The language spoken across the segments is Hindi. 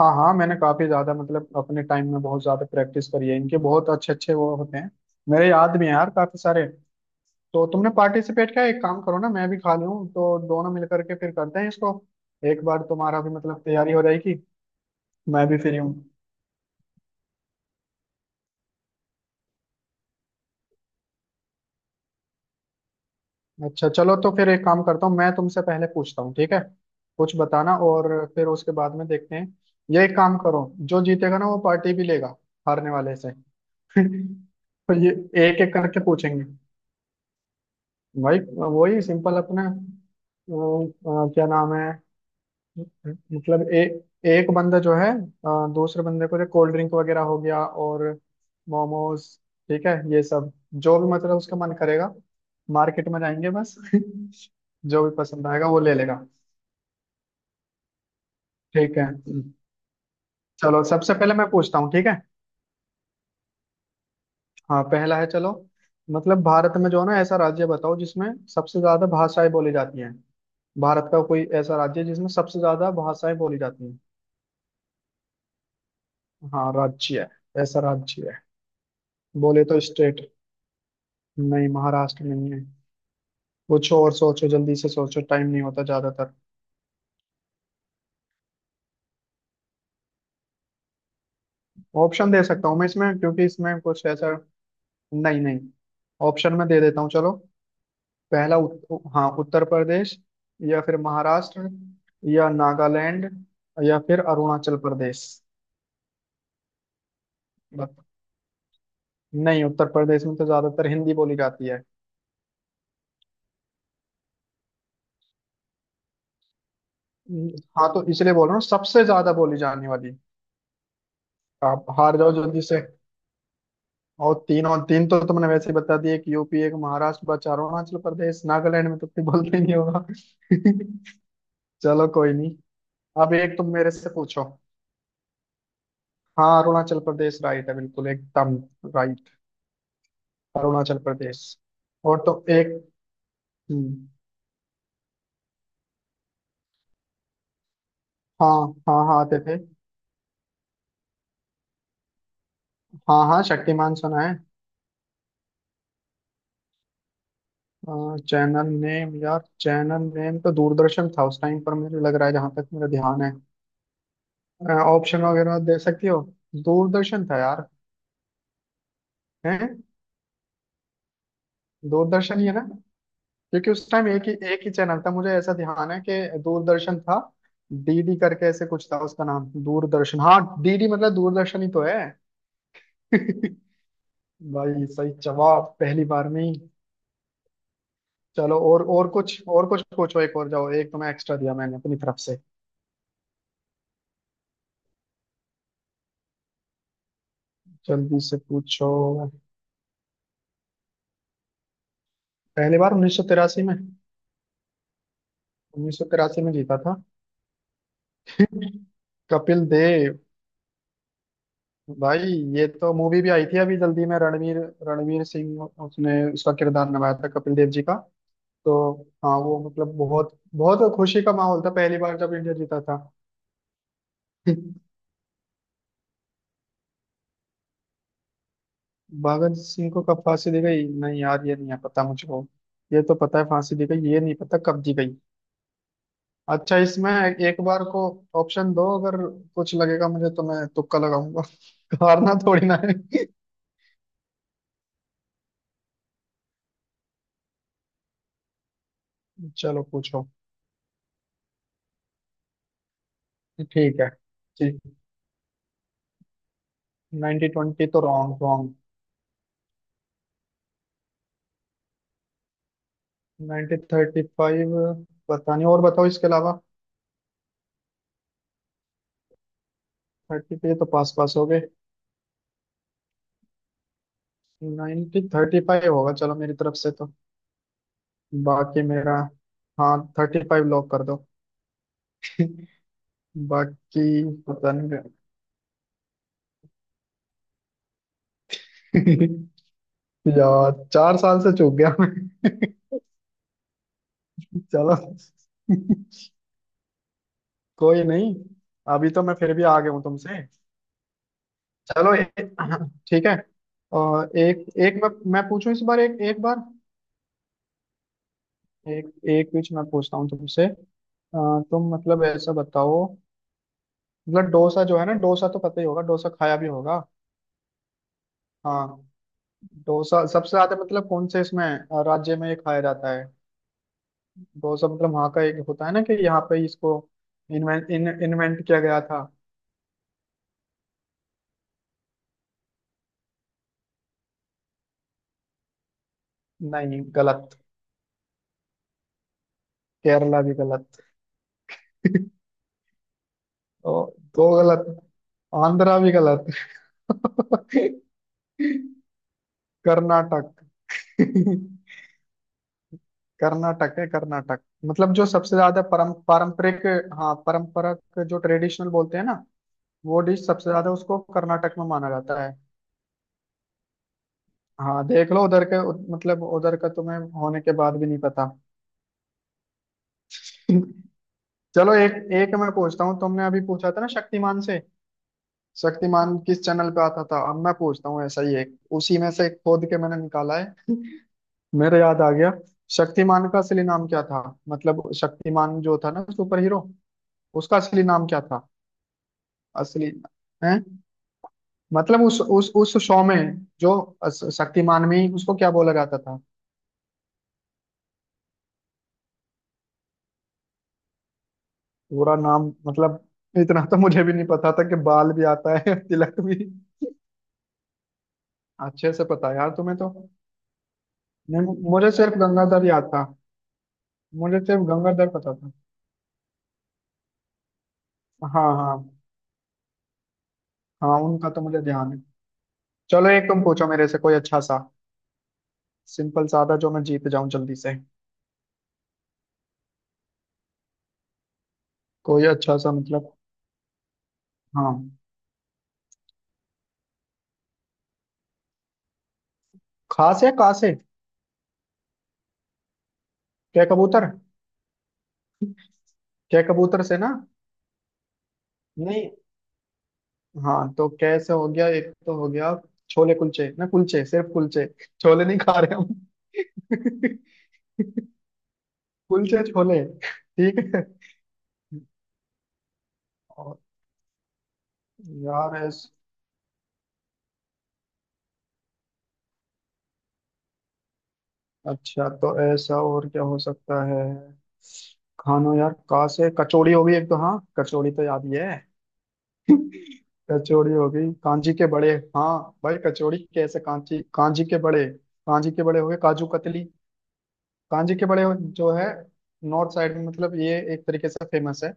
हाँ हाँ, मैंने काफी ज्यादा मतलब अपने टाइम में बहुत ज्यादा प्रैक्टिस करी है इनके। बहुत अच्छे अच्छे वो होते हैं। मेरे याद भी हैं यार काफी सारे। तो तुमने पार्टिसिपेट किया, एक काम करो ना, मैं भी खा लूँ तो दोनों मिलकर के फिर करते हैं इसको। एक बार तुम्हारा भी मतलब तैयारी हो जाएगी। मैं भी फ्री हूँ। अच्छा चलो, तो फिर एक काम करता हूँ, मैं तुमसे पहले पूछता हूँ ठीक है, कुछ बताना और फिर उसके बाद में देखते हैं। ये एक काम करो, जो जीतेगा ना वो पार्टी भी लेगा हारने वाले से। तो ये एक एक करके पूछेंगे। वही वही सिंपल अपने क्या नाम है। मतलब एक बंदा जो है दूसरे बंदे को, जो कोल्ड ड्रिंक वगैरह हो गया और मोमोज, ठीक है ये सब जो भी मतलब उसका मन करेगा। मार्केट में जाएंगे बस। जो भी पसंद आएगा वो ले लेगा। ठीक है चलो, सबसे पहले मैं पूछता हूँ ठीक है। हाँ पहला है, चलो। मतलब भारत में जो है ना, ऐसा राज्य बताओ जिसमें सबसे ज्यादा भाषाएं बोली जाती हैं। भारत का कोई ऐसा राज्य जिसमें सबसे ज्यादा भाषाएं बोली जाती हैं। हाँ राज्य है, ऐसा राज्य है। बोले तो स्टेट। नहीं, महाराष्ट्र नहीं है। कुछ और सोचो, जल्दी से सोचो, टाइम नहीं होता ज्यादातर। ऑप्शन दे सकता हूँ मैं इसमें, क्योंकि इसमें कुछ ऐसा। नहीं नहीं, ऑप्शन में दे देता हूँ चलो। पहला हाँ उत्तर प्रदेश, या फिर महाराष्ट्र, या नागालैंड, या फिर अरुणाचल प्रदेश। बत- नहीं, उत्तर प्रदेश में तो ज्यादातर हिंदी बोली जाती है। हम्म, हाँ, तो इसलिए बोल रहा हूँ सबसे ज्यादा बोली जाने वाली। आप हार जाओ जल्दी से। और तीन, और तीन तो तुमने वैसे ही बता दिए, कि यूपी, एक महाराष्ट्र बचा अरुणाचल प्रदेश, नागालैंड में तो कोई बोलते ही नहीं होगा। चलो कोई नहीं, अब एक तुम मेरे से पूछो। हाँ अरुणाचल प्रदेश राइट है बिल्कुल एकदम राइट। अरुणाचल प्रदेश। और तो एक, हम्म, हाँ हाँ, हाँ आते थे। हाँ हाँ, शक्तिमान सुना है। चैनल नेम यार, चैनल नेम तो दूरदर्शन था उस टाइम पर, मुझे लग रहा है जहां तक मेरा ध्यान है। ऑप्शन वगैरह दे सकती हो। दूरदर्शन था यार। हैं? दूरदर्शन ही है ना, क्योंकि उस टाइम एक ही चैनल था, मुझे ऐसा ध्यान है कि दूरदर्शन था। डीडी करके ऐसे कुछ था उसका नाम, दूरदर्शन, हाँ, डीडी मतलब दूरदर्शन ही तो है। भाई सही जवाब पहली बार में ही। चलो और, और कुछ पूछो, एक और जाओ, एक तो मैं एक्स्ट्रा दिया मैंने अपनी तरफ से। जल्दी से पूछो। पहली बार उन्नीस सौ तिरासी में। उन्नीस सौ तिरासी में जीता था, कपिल देव। भाई ये तो मूवी भी आई थी अभी जल्दी में, रणवीर, रणवीर सिंह, उसने उसका किरदार निभाया था कपिल देव जी का। तो हाँ, वो मतलब बहुत बहुत खुशी का माहौल था पहली बार जब इंडिया जीता था। भगत सिंह को कब फांसी दी गई, नहीं यार ये नहीं है पता मुझको। ये तो पता है फांसी दी गई, ये नहीं पता कब दी गई। अच्छा, इसमें एक बार को ऑप्शन दो, अगर कुछ लगेगा मुझे तो मैं तुक्का लगाऊंगा। हारना थोड़ी ना है। चलो पूछो। ठीक है, ठीक। 90 ट्वेंटी तो रॉन्ग, रॉन्ग। 90 थर्टी फाइव, पता नहीं और बताओ इसके अलावा। थर्टी पे तो पास पास हो गए। नाइनटी थर्टी फाइव होगा चलो मेरी तरफ से, तो बाकी मेरा, हाँ थर्टी फाइव लॉक कर दो। बाकी पता नहीं। यार चार साल से चूक गया मैं। चलो कोई नहीं, अभी तो मैं फिर भी आगे हूँ तुमसे। चलो ठीक है, और एक एक मैं पूछूं इस बार, एक एक बार। एक एक बीच मैं पूछता हूँ तुमसे, तुम मतलब ऐसा बताओ, मतलब डोसा जो है ना, डोसा तो पता ही होगा, डोसा खाया भी होगा। हाँ, डोसा सबसे ज्यादा मतलब कौन से इसमें राज्य में ये खाया जाता है। डोसा मतलब वहाँ का एक होता है ना कि यहाँ पे इसको इन्वेंट किया गया था। नहीं, गलत। केरला भी गलत। तो दो गलत, आंध्रा भी गलत। कर्नाटक। कर्नाटक है, कर्नाटक। मतलब जो सबसे ज्यादा परम पारंपरिक, हाँ परंपरा, जो ट्रेडिशनल बोलते हैं ना, वो डिश सबसे ज्यादा उसको कर्नाटक में माना जाता है। हाँ देख लो, उधर के मतलब उधर का तुम्हें होने के बाद भी नहीं पता। चलो, एक एक मैं पूछता हूँ, तुमने अभी पूछा था ना शक्तिमान से, शक्तिमान किस चैनल पे आता था, अब मैं पूछता हूँ ऐसा ही एक, उसी में से खोद के मैंने निकाला है। मेरे याद आ गया। शक्तिमान का असली नाम क्या था, मतलब शक्तिमान जो था ना, सुपर हीरो, उसका असली नाम क्या था। असली है मतलब, उस शो में जो, शक्तिमान में ही उसको क्या बोला जाता था। पूरा नाम मतलब, इतना तो मुझे भी नहीं पता था कि बाल भी आता है तिलक भी। अच्छे से पता है यार तुम्हें तो। नहीं, मुझे सिर्फ गंगाधर याद था। मुझे सिर्फ गंगाधर पता था। हाँ हाँ। हाँ, उनका तो मुझे ध्यान है। चलो, एक तुम पूछो मेरे से, कोई अच्छा सा सिंपल सादा, जो मैं जीत जाऊं जल्दी से। कोई अच्छा सा मतलब, हाँ। खास या कासे? क्या कबूतर? क्या कबूतर से ना? नहीं, हाँ तो कैसे हो गया एक तो, हो गया छोले कुलचे, ना कुलचे सिर्फ कुलचे, छोले नहीं खा रहे हम। कुलचे छोले, ठीक है। और यार ऐस, अच्छा तो ऐसा और क्या हो सकता है खानो यार। कहाँ से कचौड़ी हो गई एक तो, हाँ कचौड़ी तो याद ही है। कचौड़ी हो गई, कांजी के बड़े, हाँ। भाई कचौड़ी, कैसे कांची, कांजी के बड़े, कांजी के बड़े हो गए, काजू कतली। कांजी के बड़े जो है, नॉर्थ साइड में मतलब ये एक तरीके से फेमस है,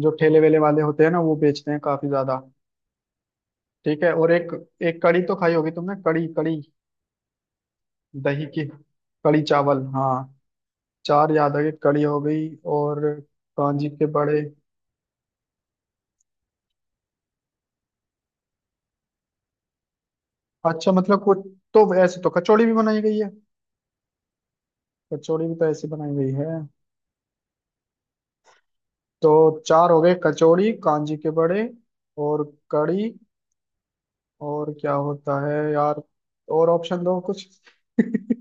जो ठेले वेले वाले होते हैं ना वो बेचते हैं काफी ज्यादा। ठीक है, और एक, एक कड़ी तो खाई होगी तुमने, कड़ी कड़ी, दही की कड़ी, चावल, हाँ। चार याद आ गए, कड़ी हो गई और कांजी के बड़े। अच्छा मतलब कुछ, तो ऐसे तो कचौड़ी भी बनाई गई है, कचौड़ी भी तो ऐसी बनाई गई है, तो चार हो गए, कचौड़ी, कांजी के बड़े और कड़ी। और क्या होता है यार, और ऑप्शन दो कुछ।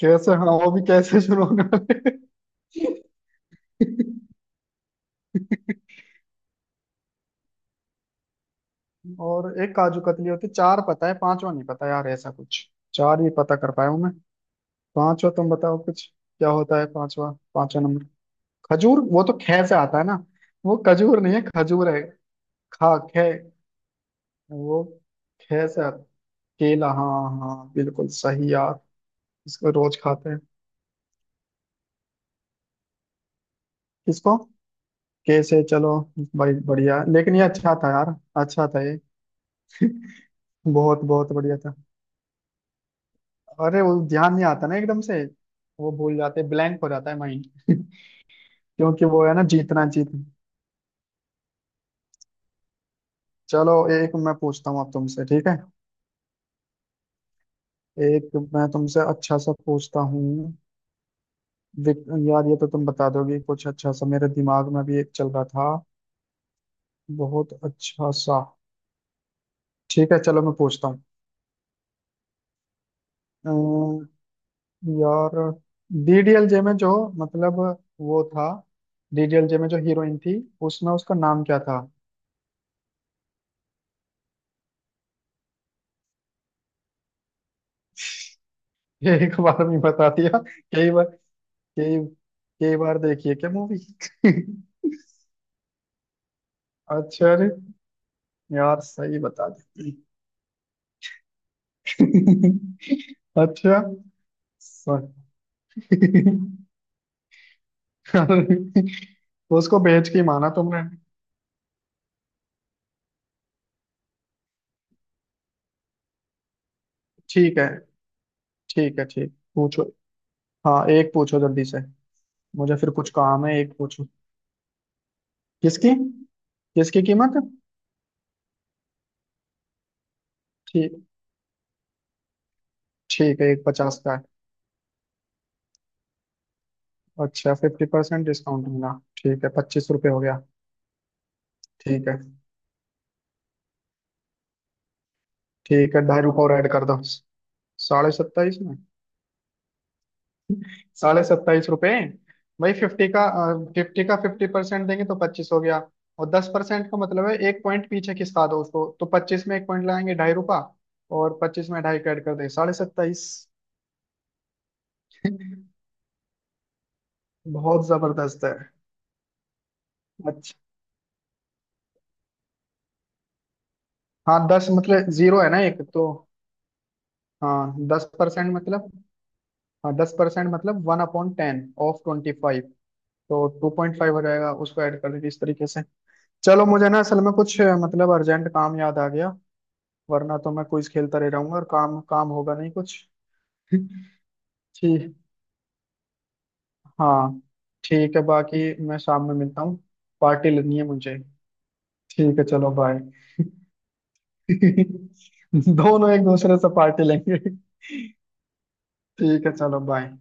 कैसे, हाँ वो भी कैसे शुरू होने वाले। और एक काजू कतली होती, चार पता है पांचवा नहीं पता यार, ऐसा कुछ, चार ही पता कर पाया हूं मैं। पांचवा तुम बताओ कुछ, क्या होता है पांचवा, पांचवा नंबर। खजूर? वो तो खे से आता है ना, वो खजूर नहीं है, खजूर है खा खे। वो खे से केला, हाँ हाँ, बिल्कुल सही यार, इसको रोज खाते हैं। किसको? कैसे, चलो। भाई बढ़िया, लेकिन ये अच्छा था यार, अच्छा था ये, बहुत बहुत बढ़िया था। अरे वो ध्यान नहीं आता ना एकदम से, वो भूल जाते, ब्लैंक हो जाता है माइंड। क्योंकि वो है ना, जीतना जीतना। चलो, एक मैं पूछता हूँ अब तुमसे ठीक है। एक मैं तुमसे अच्छा सा पूछता हूँ। यार ये तो तुम बता दोगी कुछ अच्छा सा, मेरे दिमाग में भी एक चल रहा था बहुत अच्छा सा। ठीक है चलो, मैं पूछता हूँ। अम, यार डीडीएलजे में जो, मतलब वो था, डीडीएलजे में जो हीरोइन थी, उसमें उसका नाम क्या था। ये एक बार में बता दिया, कई बार के बार देखिए क्या मूवी। अच्छा अरे, यार सही बता दी। अच्छा, सॉरी। उसको भेज के ही माना तुमने। ठीक है, ठीक है, ठीक, पूछो। हाँ एक पूछो जल्दी से, मुझे फिर कुछ काम है, एक पूछो। किसकी? किसकी कीमत? ठीक, ठीक है, एक पचास का है। अच्छा फिफ्टी परसेंट डिस्काउंट मिला। ठीक है पच्चीस रुपये हो गया। ठीक है, ठीक है, ढाई रुपये रेड कर दो, साढ़े सत्ताईस में। साढ़े सत्ताईस रुपए। भाई फिफ्टी का, फिफ्टी का फिफ्टी परसेंट देंगे तो पच्चीस हो गया, और दस परसेंट का मतलब है एक पॉइंट पीछे खिसका दो उसको, तो पच्चीस में एक पॉइंट लगाएंगे ढाई रुपया, और पच्चीस में ढाई का ऐड कर देंगे साढ़े सत्ताईस। बहुत जबरदस्त है। अच्छा, हाँ दस मतलब जीरो है ना एक तो, हाँ दस परसेंट मतलब, हाँ दस परसेंट मतलब one upon ten of twenty five, तो टू पॉइंट फाइव हो जाएगा, उसको ऐड कर दीजिए इस तरीके से। चलो मुझे ना असल में कुछ मतलब अर्जेंट काम याद आ गया, वरना तो मैं क्विज खेलता रह जाऊंगा और काम काम होगा नहीं कुछ। ठीक। हाँ ठीक है, बाकी मैं शाम में मिलता हूँ, पार्टी लेनी है मुझे। ठीक है चलो, बाय। दोनों एक दूसरे से पार्टी लेंगे। ठीक है चलो बाय।